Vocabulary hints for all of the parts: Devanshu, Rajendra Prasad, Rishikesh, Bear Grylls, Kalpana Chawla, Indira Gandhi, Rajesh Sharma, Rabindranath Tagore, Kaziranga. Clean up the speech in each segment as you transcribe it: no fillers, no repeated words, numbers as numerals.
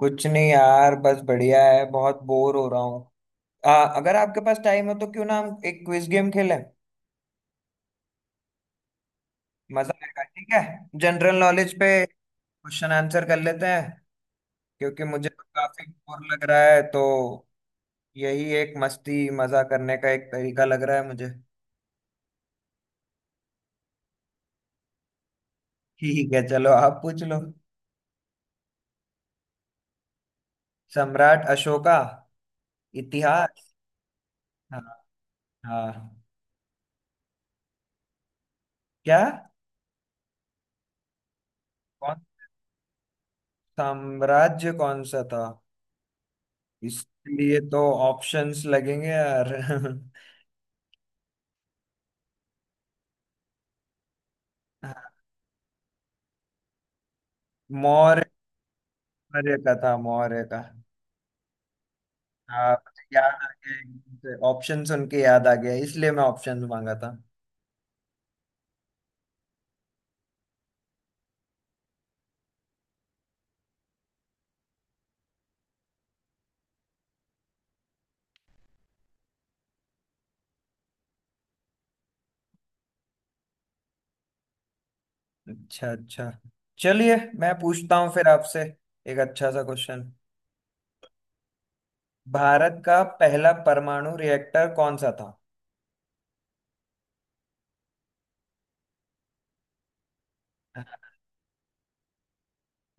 कुछ नहीं यार, बस बढ़िया है। बहुत बोर हो रहा हूँ। आ, अगर आपके पास टाइम हो तो क्यों ना हम एक क्विज गेम खेलें। मजा आएगा, ठीक है। जनरल नॉलेज पे क्वेश्चन आंसर कर लेते हैं, क्योंकि मुझे तो काफी बोर लग रहा है, तो यही एक मस्ती मजा करने का एक तरीका लग रहा है मुझे। ठीक है, चलो आप पूछ लो। सम्राट अशोका। इतिहास। हाँ। हाँ। क्या? कौन? साम्राज्य कौन सा था? इसके लिए तो ऑप्शंस लगेंगे यार। मौर्य। मौर्य का था, मौर्य का। हाँ, मुझे याद आ गया, एकदम से ऑप्शन सुन के याद आ गया, इसलिए मैं ऑप्शन मांगा था। अच्छा, अच्छा। चलिए, मैं पूछता हूँ फिर आपसे एक अच्छा सा क्वेश्चन। भारत का पहला परमाणु रिएक्टर कौन सा था?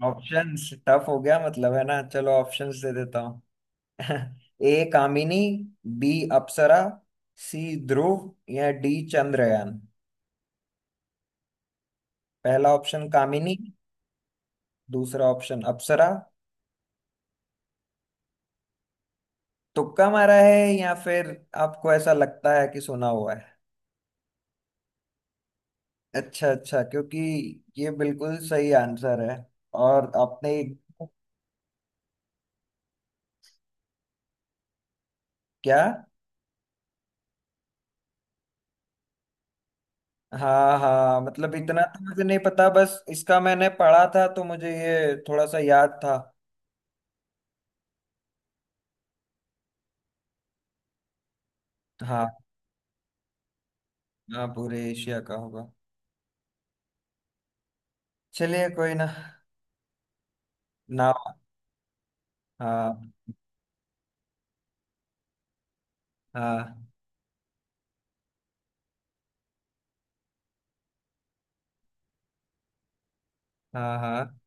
ऑप्शंस टफ हो गया मतलब, है ना? चलो, ऑप्शंस दे देता हूँ। ए कामिनी, बी अप्सरा, सी ध्रुव, या डी चंद्रयान। पहला ऑप्शन कामिनी, दूसरा ऑप्शन अप्सरा। तुक्का मारा है, या फिर आपको ऐसा लगता है कि सुना हुआ है? अच्छा, अच्छा, क्योंकि ये बिल्कुल सही आंसर है। और आपने? क्या? हाँ, हाँ, मतलब इतना तो मुझे नहीं पता, बस इसका मैंने पढ़ा था तो मुझे ये थोड़ा सा याद था। हाँ। हाँ, पूरे एशिया का होगा। चलिए, कोई ना। ना। हाँ। हाँ। हाँ। हाँ।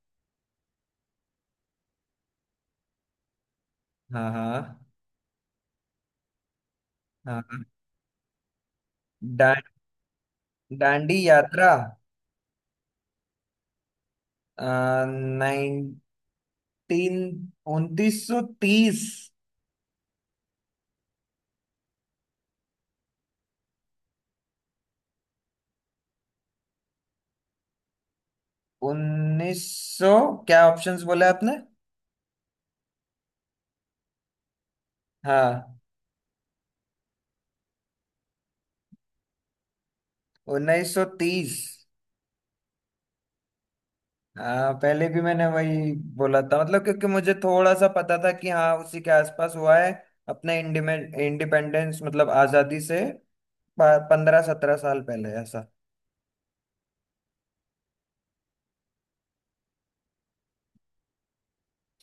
हाँ। हाँ। हाँ। डा, डांडी यात्रा। 19, 2930। उन्नीस सौ, क्या ऑप्शंस बोले आपने? हाँ, 1930। हाँ, पहले भी मैंने वही बोला था, मतलब, क्योंकि मुझे थोड़ा सा पता था कि हाँ, उसी के आसपास हुआ है, अपने इंडिपेंडेंस, मतलब आजादी से 15 17 साल पहले ऐसा।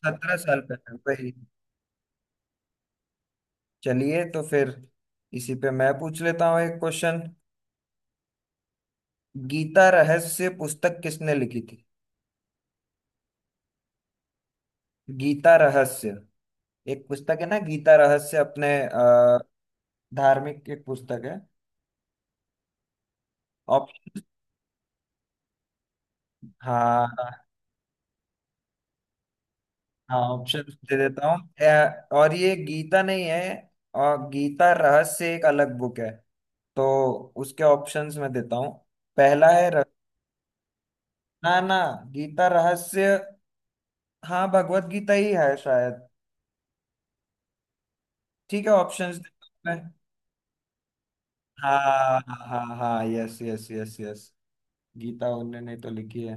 सत्रह साल पहले, वही। चलिए, तो फिर इसी पे मैं पूछ लेता हूँ एक क्वेश्चन। गीता रहस्य पुस्तक किसने लिखी थी? गीता रहस्य, एक पुस्तक है ना, गीता रहस्य, अपने धार्मिक एक पुस्तक है। ऑप्शन। हाँ। हाँ, ऑप्शन दे देता हूँ। और ये गीता नहीं है, और गीता रहस्य एक अलग बुक है। तो उसके ऑप्शंस मैं देता हूँ। पहला है ना, ना। गीता रहस्य। हाँ, भगवत गीता ही है शायद। ठीक है, ऑप्शंस देता हूँ मैं। हाँ। हाँ, हाँ, yes, yes, yes, yes. Geeta उनने नहीं तो लिखी है।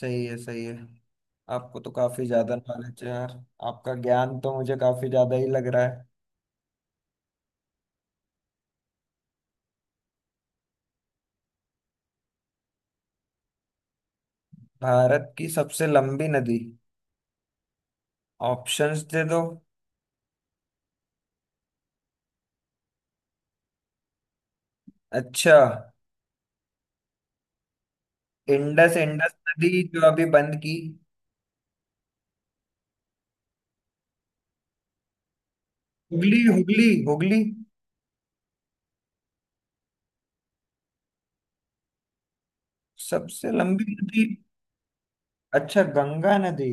सही है, सही है। आपको तो काफी ज्यादा नॉलेज है यार। आपका ज्ञान तो मुझे काफी ज्यादा ही लग रहा है। भारत की सबसे लंबी नदी। ऑप्शंस दे दो। अच्छा। इंडस, इंडस नदी जो अभी बंद की। हुगली, हुगली, हुगली। सबसे लंबी नदी। अच्छा, गंगा नदी।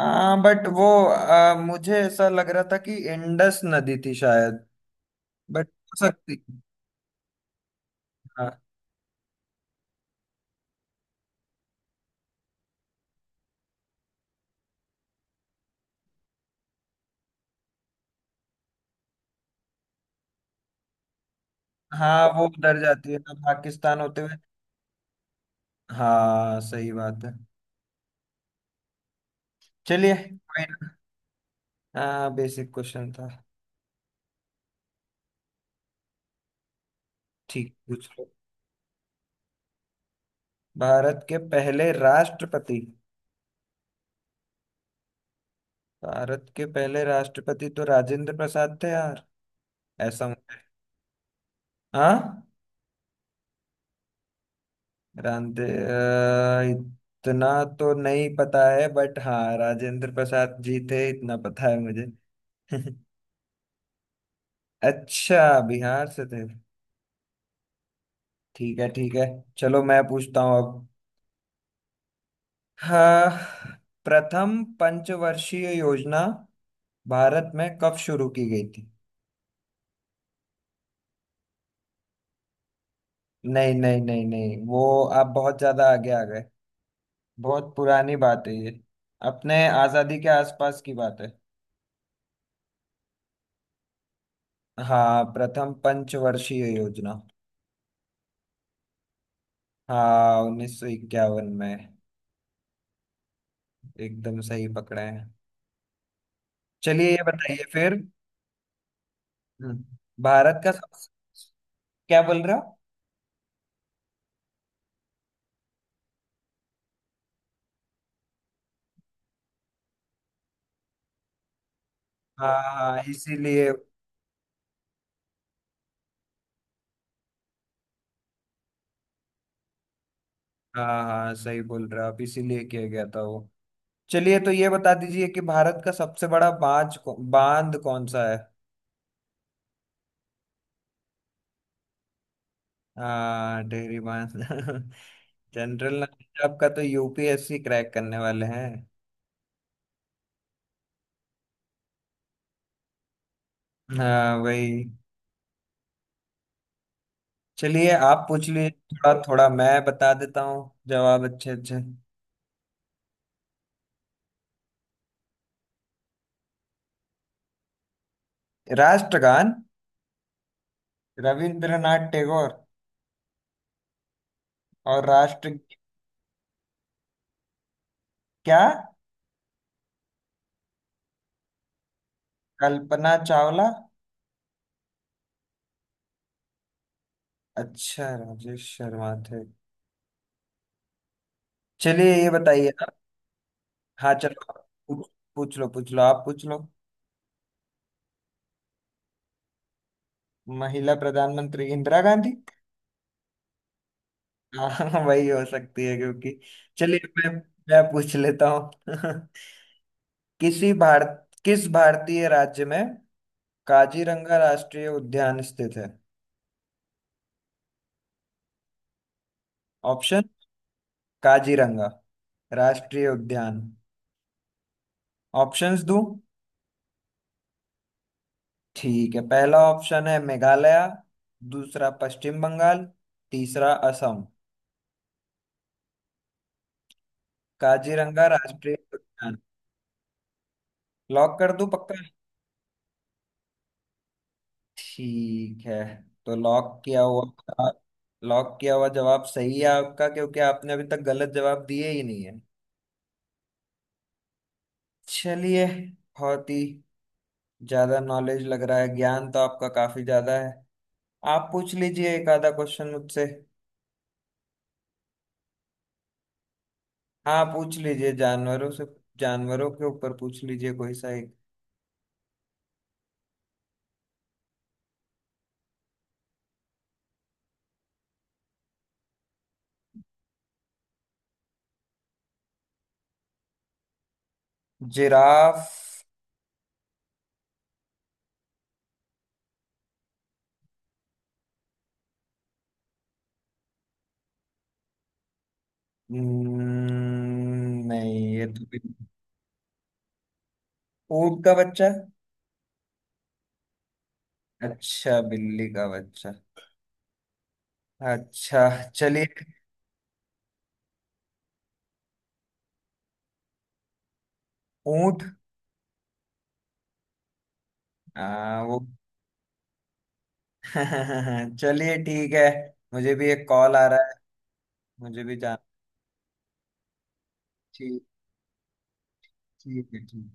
आ, बट वो मुझे ऐसा लग रहा था कि इंडस नदी थी शायद। बट हो सकती। हाँ। हाँ, वो उधर जाती है ना, पाकिस्तान होते हुए। हाँ, सही बात है। चलिए, कोई ना। हाँ, बेसिक क्वेश्चन था। ठीक, पूछ लो। भारत के पहले राष्ट्रपति। भारत के पहले राष्ट्रपति तो राजेंद्र प्रसाद थे यार। ऐसा मत- हाँ। इतना तो नहीं पता है, बट हाँ, राजेंद्र प्रसाद जी थे, इतना पता है मुझे। अच्छा, बिहार से थे। ठीक है, ठीक है। चलो, मैं पूछता हूँ अब। हाँ। प्रथम पंचवर्षीय योजना भारत में कब शुरू की गई थी? नहीं, नहीं, नहीं, नहीं, वो आप बहुत ज्यादा आगे आ गए। बहुत पुरानी बात है ये, अपने आजादी के आसपास की बात है। हाँ, प्रथम पंचवर्षीय योजना। हाँ, 1951 में एकदम सही पकड़े हैं। चलिए, ये बताइए फिर। हम्म, भारत का सबसे, क्या बोल रहे हो? हाँ, हाँ, इसीलिए। हाँ, हाँ, सही बोल रहे हो आप, इसीलिए किया गया था वो। चलिए, तो ये बता दीजिए कि भारत का सबसे बड़ा बांध, बांध कौन सा है? हाँ, डेयरी बांस। जनरल नॉलेज आपका तो, यूपीएससी क्रैक करने वाले हैं। हाँ, वही। चलिए, आप पूछ लिए, थोड़ा थोड़ा मैं बता देता हूँ जवाब, अच्छे अच्छे। राष्ट्रगान। रविंद्रनाथ टैगोर। और राष्ट्र, क्या? कल्पना चावला। अच्छा, राजेश शर्मा थे। चलिए, ये बताइए आप। हाँ, चलो आप। पूछ पूछ लो, पूछ लो, आप पूछ लो। महिला प्रधानमंत्री इंदिरा गांधी। हाँ, वही हो सकती है, क्योंकि चलिए मैं पूछ लेता हूँ। किसी भारत, किस भारतीय राज्य में काजीरंगा राष्ट्रीय उद्यान स्थित है? ऑप्शन। काजीरंगा। राष्ट्रीय उद्यान। ऑप्शंस दूं? ठीक है, पहला ऑप्शन है मेघालय। दूसरा पश्चिम बंगाल। तीसरा असम। काजीरंगा राष्ट्रीय उद्यान। लॉक कर दूं, पक्का? ठीक है, तो लॉक किया हुआ। लॉक किया हुआ जवाब सही है आपका, क्योंकि आपने अभी तक गलत जवाब दिए ही नहीं है। चलिए, बहुत ही ज्यादा नॉलेज लग रहा है, ज्ञान तो आपका काफी ज्यादा है। आप पूछ लीजिए एक आधा क्वेश्चन मुझसे। हाँ, पूछ लीजिए जानवरों से, जानवरों के ऊपर पूछ लीजिए कोई सा एक। जिराफ। नहीं, ये तो ऊंट का बच्चा। अच्छा, बिल्ली का बच्चा। अच्छा। चलिए। ऊंट। वो। चलिए, ठीक है। मुझे भी एक कॉल आ रहा है, मुझे भी जाना। ठीक। ठीक है। ठीक।